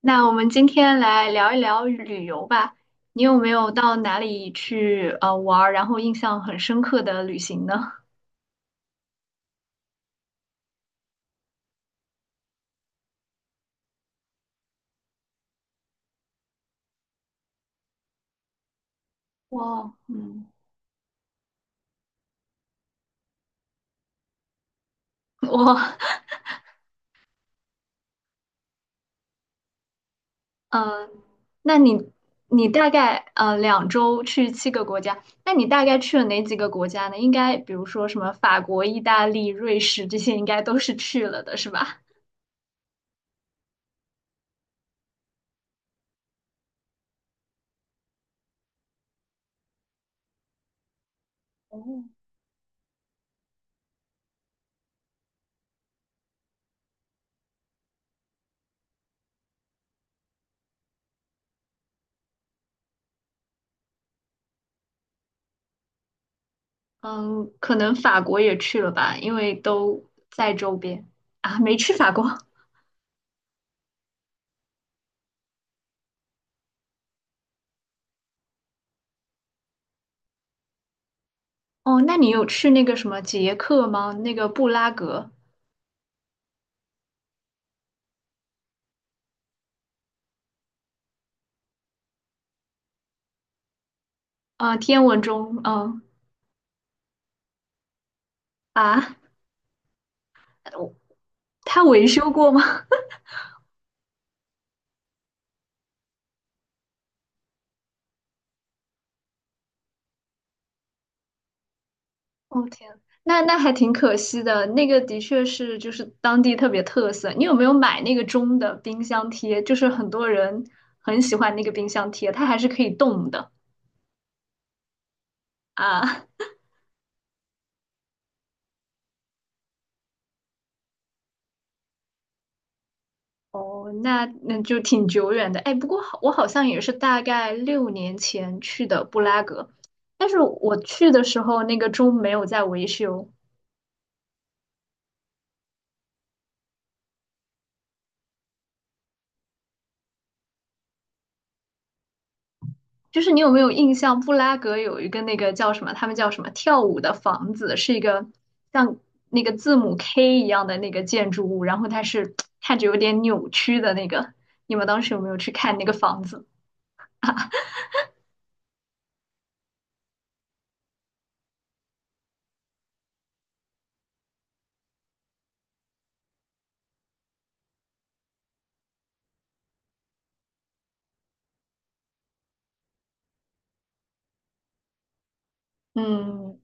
那我们今天来聊一聊旅游吧。你有没有到哪里去玩儿，然后印象很深刻的旅行呢？哇，嗯 我，嗯、那你大概2周去7个国家，那你大概去了哪几个国家呢？应该比如说什么法国、意大利、瑞士这些，应该都是去了的，是吧？哦，嗯，可能法国也去了吧，因为都在周边啊，没去法国。哦，那你有去那个什么捷克吗？那个布拉格，啊，天文钟。嗯。啊，我他维修过吗？哦天，那还挺可惜的。那个的确是就是当地特别特色。你有没有买那个钟的冰箱贴？就是很多人很喜欢那个冰箱贴，它还是可以动的啊。哦，那就挺久远的。哎，不过我好像也是大概6年前去的布拉格，但是我去的时候那个钟没有在维修。就是你有没有印象，布拉格有一个那个叫什么，他们叫什么跳舞的房子，是一个像那个字母 K 一样的那个建筑物，然后它是看着有点扭曲的那个。你们当时有没有去看那个房子？嗯，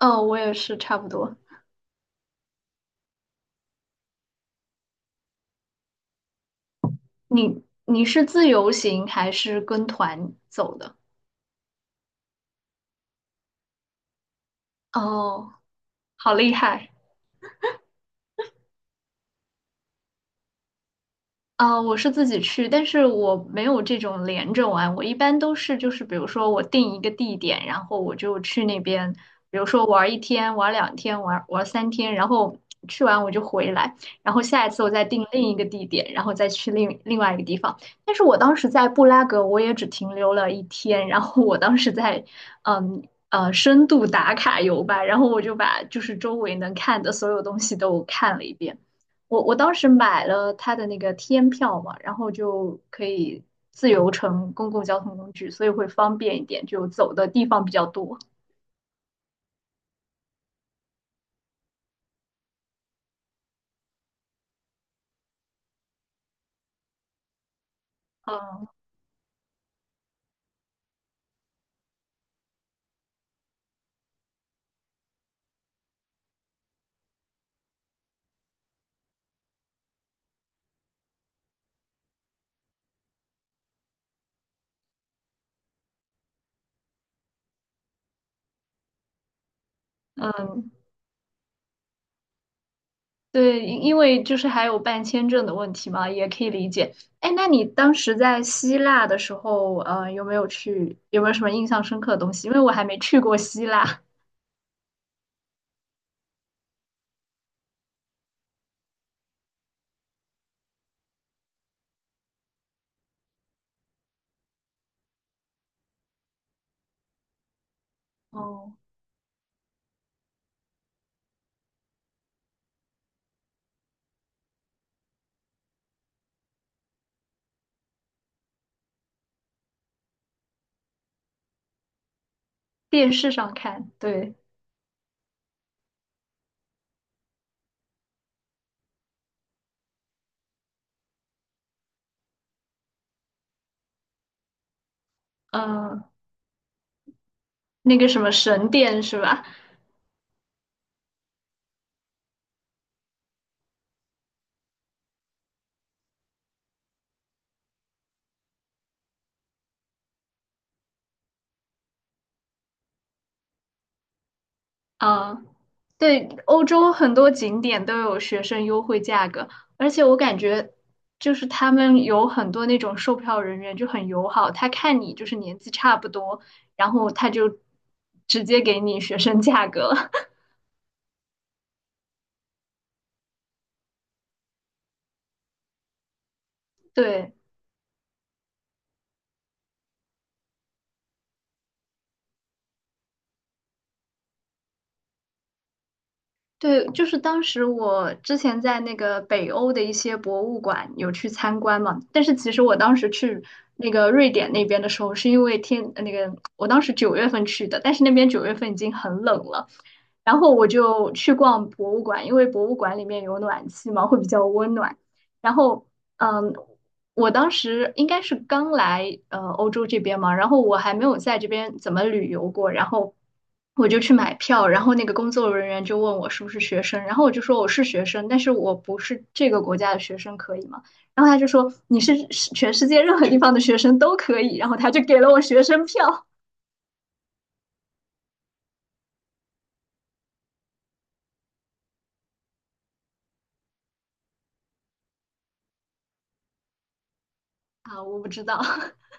哦，我也是差不多。你是自由行还是跟团走的？哦，好厉害。啊，我是自己去，但是我没有这种连着玩。我一般都是就是，比如说我定一个地点，然后我就去那边，比如说玩一天、玩两天、玩三天，然后去完我就回来，然后下一次我再定另一个地点，然后再去另外一个地方。但是我当时在布拉格，我也只停留了一天，然后我当时在嗯深度打卡游吧，然后我就把就是周围能看的所有东西都看了一遍。我当时买了它的那个天票嘛，然后就可以自由乘公共交通工具，所以会方便一点，就走的地方比较多。嗯嗯，对，因为就是还有办签证的问题嘛，也可以理解。哎，那你当时在希腊的时候，有没有去，有没有什么印象深刻的东西？因为我还没去过希腊。哦，电视上看，对，嗯、那个什么神殿是吧？嗯、对，欧洲很多景点都有学生优惠价格，而且我感觉就是他们有很多那种售票人员就很友好，他看你就是年纪差不多，然后他就直接给你学生价格了。对，对，就是当时我之前在那个北欧的一些博物馆有去参观嘛，但是其实我当时去那个瑞典那边的时候，是因为那个我当时九月份去的，但是那边九月份已经很冷了，然后我就去逛博物馆，因为博物馆里面有暖气嘛，会比较温暖。然后，嗯，我当时应该是刚来欧洲这边嘛，然后我还没有在这边怎么旅游过，然后我就去买票，然后那个工作人员就问我是不是学生，然后我就说我是学生，但是我不是这个国家的学生，可以吗？然后他就说你是全世界任何地方的学生都可以，然后他就给了我学生票啊，我不知道，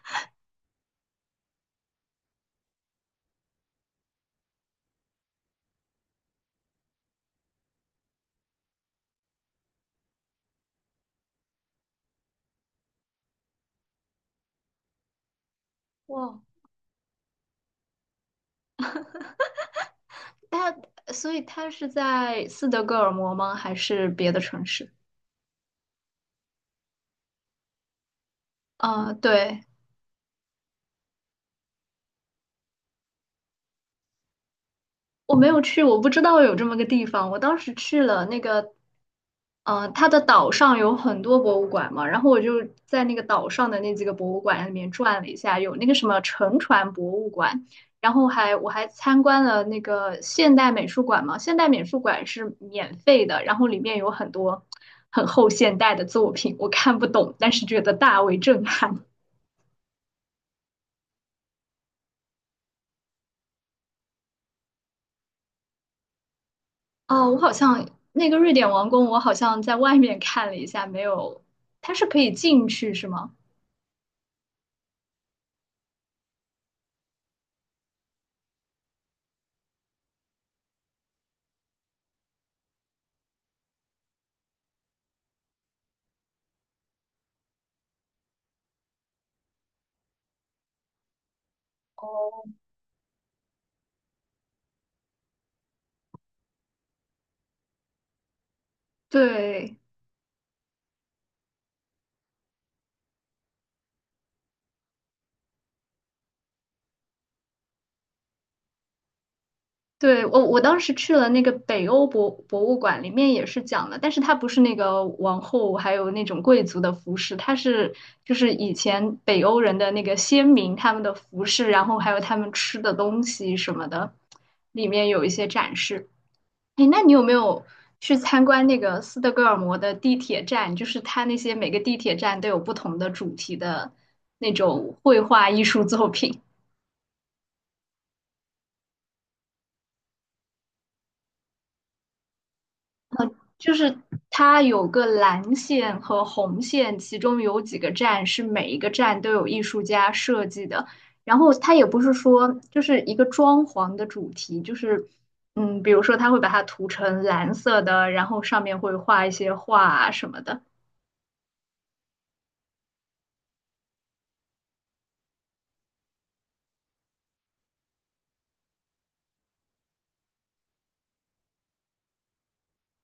哇，他所以他是在斯德哥尔摩吗？还是别的城市？啊，对。我没有去，我不知道有这么个地方。我当时去了那个，它的岛上有很多博物馆嘛，然后我就在那个岛上的那几个博物馆里面转了一下，有那个什么沉船博物馆，然后我还参观了那个现代美术馆嘛，现代美术馆是免费的，然后里面有很多很后现代的作品，我看不懂，但是觉得大为震撼。哦，我好像那个瑞典王宫，我好像在外面看了一下，没有，它是可以进去是吗？哦，对对，我当时去了那个北欧博物馆，里面也是讲了，但是它不是那个王后还有那种贵族的服饰，它是就是以前北欧人的那个先民他们的服饰，然后还有他们吃的东西什么的，里面有一些展示。哎，那你有没有去参观那个斯德哥尔摩的地铁站？就是它那些每个地铁站都有不同的主题的那种绘画艺术作品。就是它有个蓝线和红线，其中有几个站是每一个站都有艺术家设计的。然后它也不是说就是一个装潢的主题，就是比如说它会把它涂成蓝色的，然后上面会画一些画啊什么的。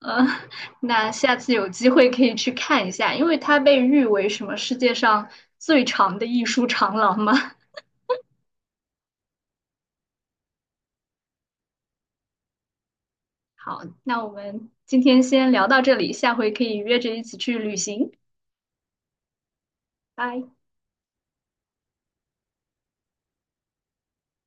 嗯，那下次有机会可以去看一下，因为它被誉为什么世界上最长的艺术长廊嘛。好，那我们今天先聊到这里，下回可以约着一起去旅行。拜。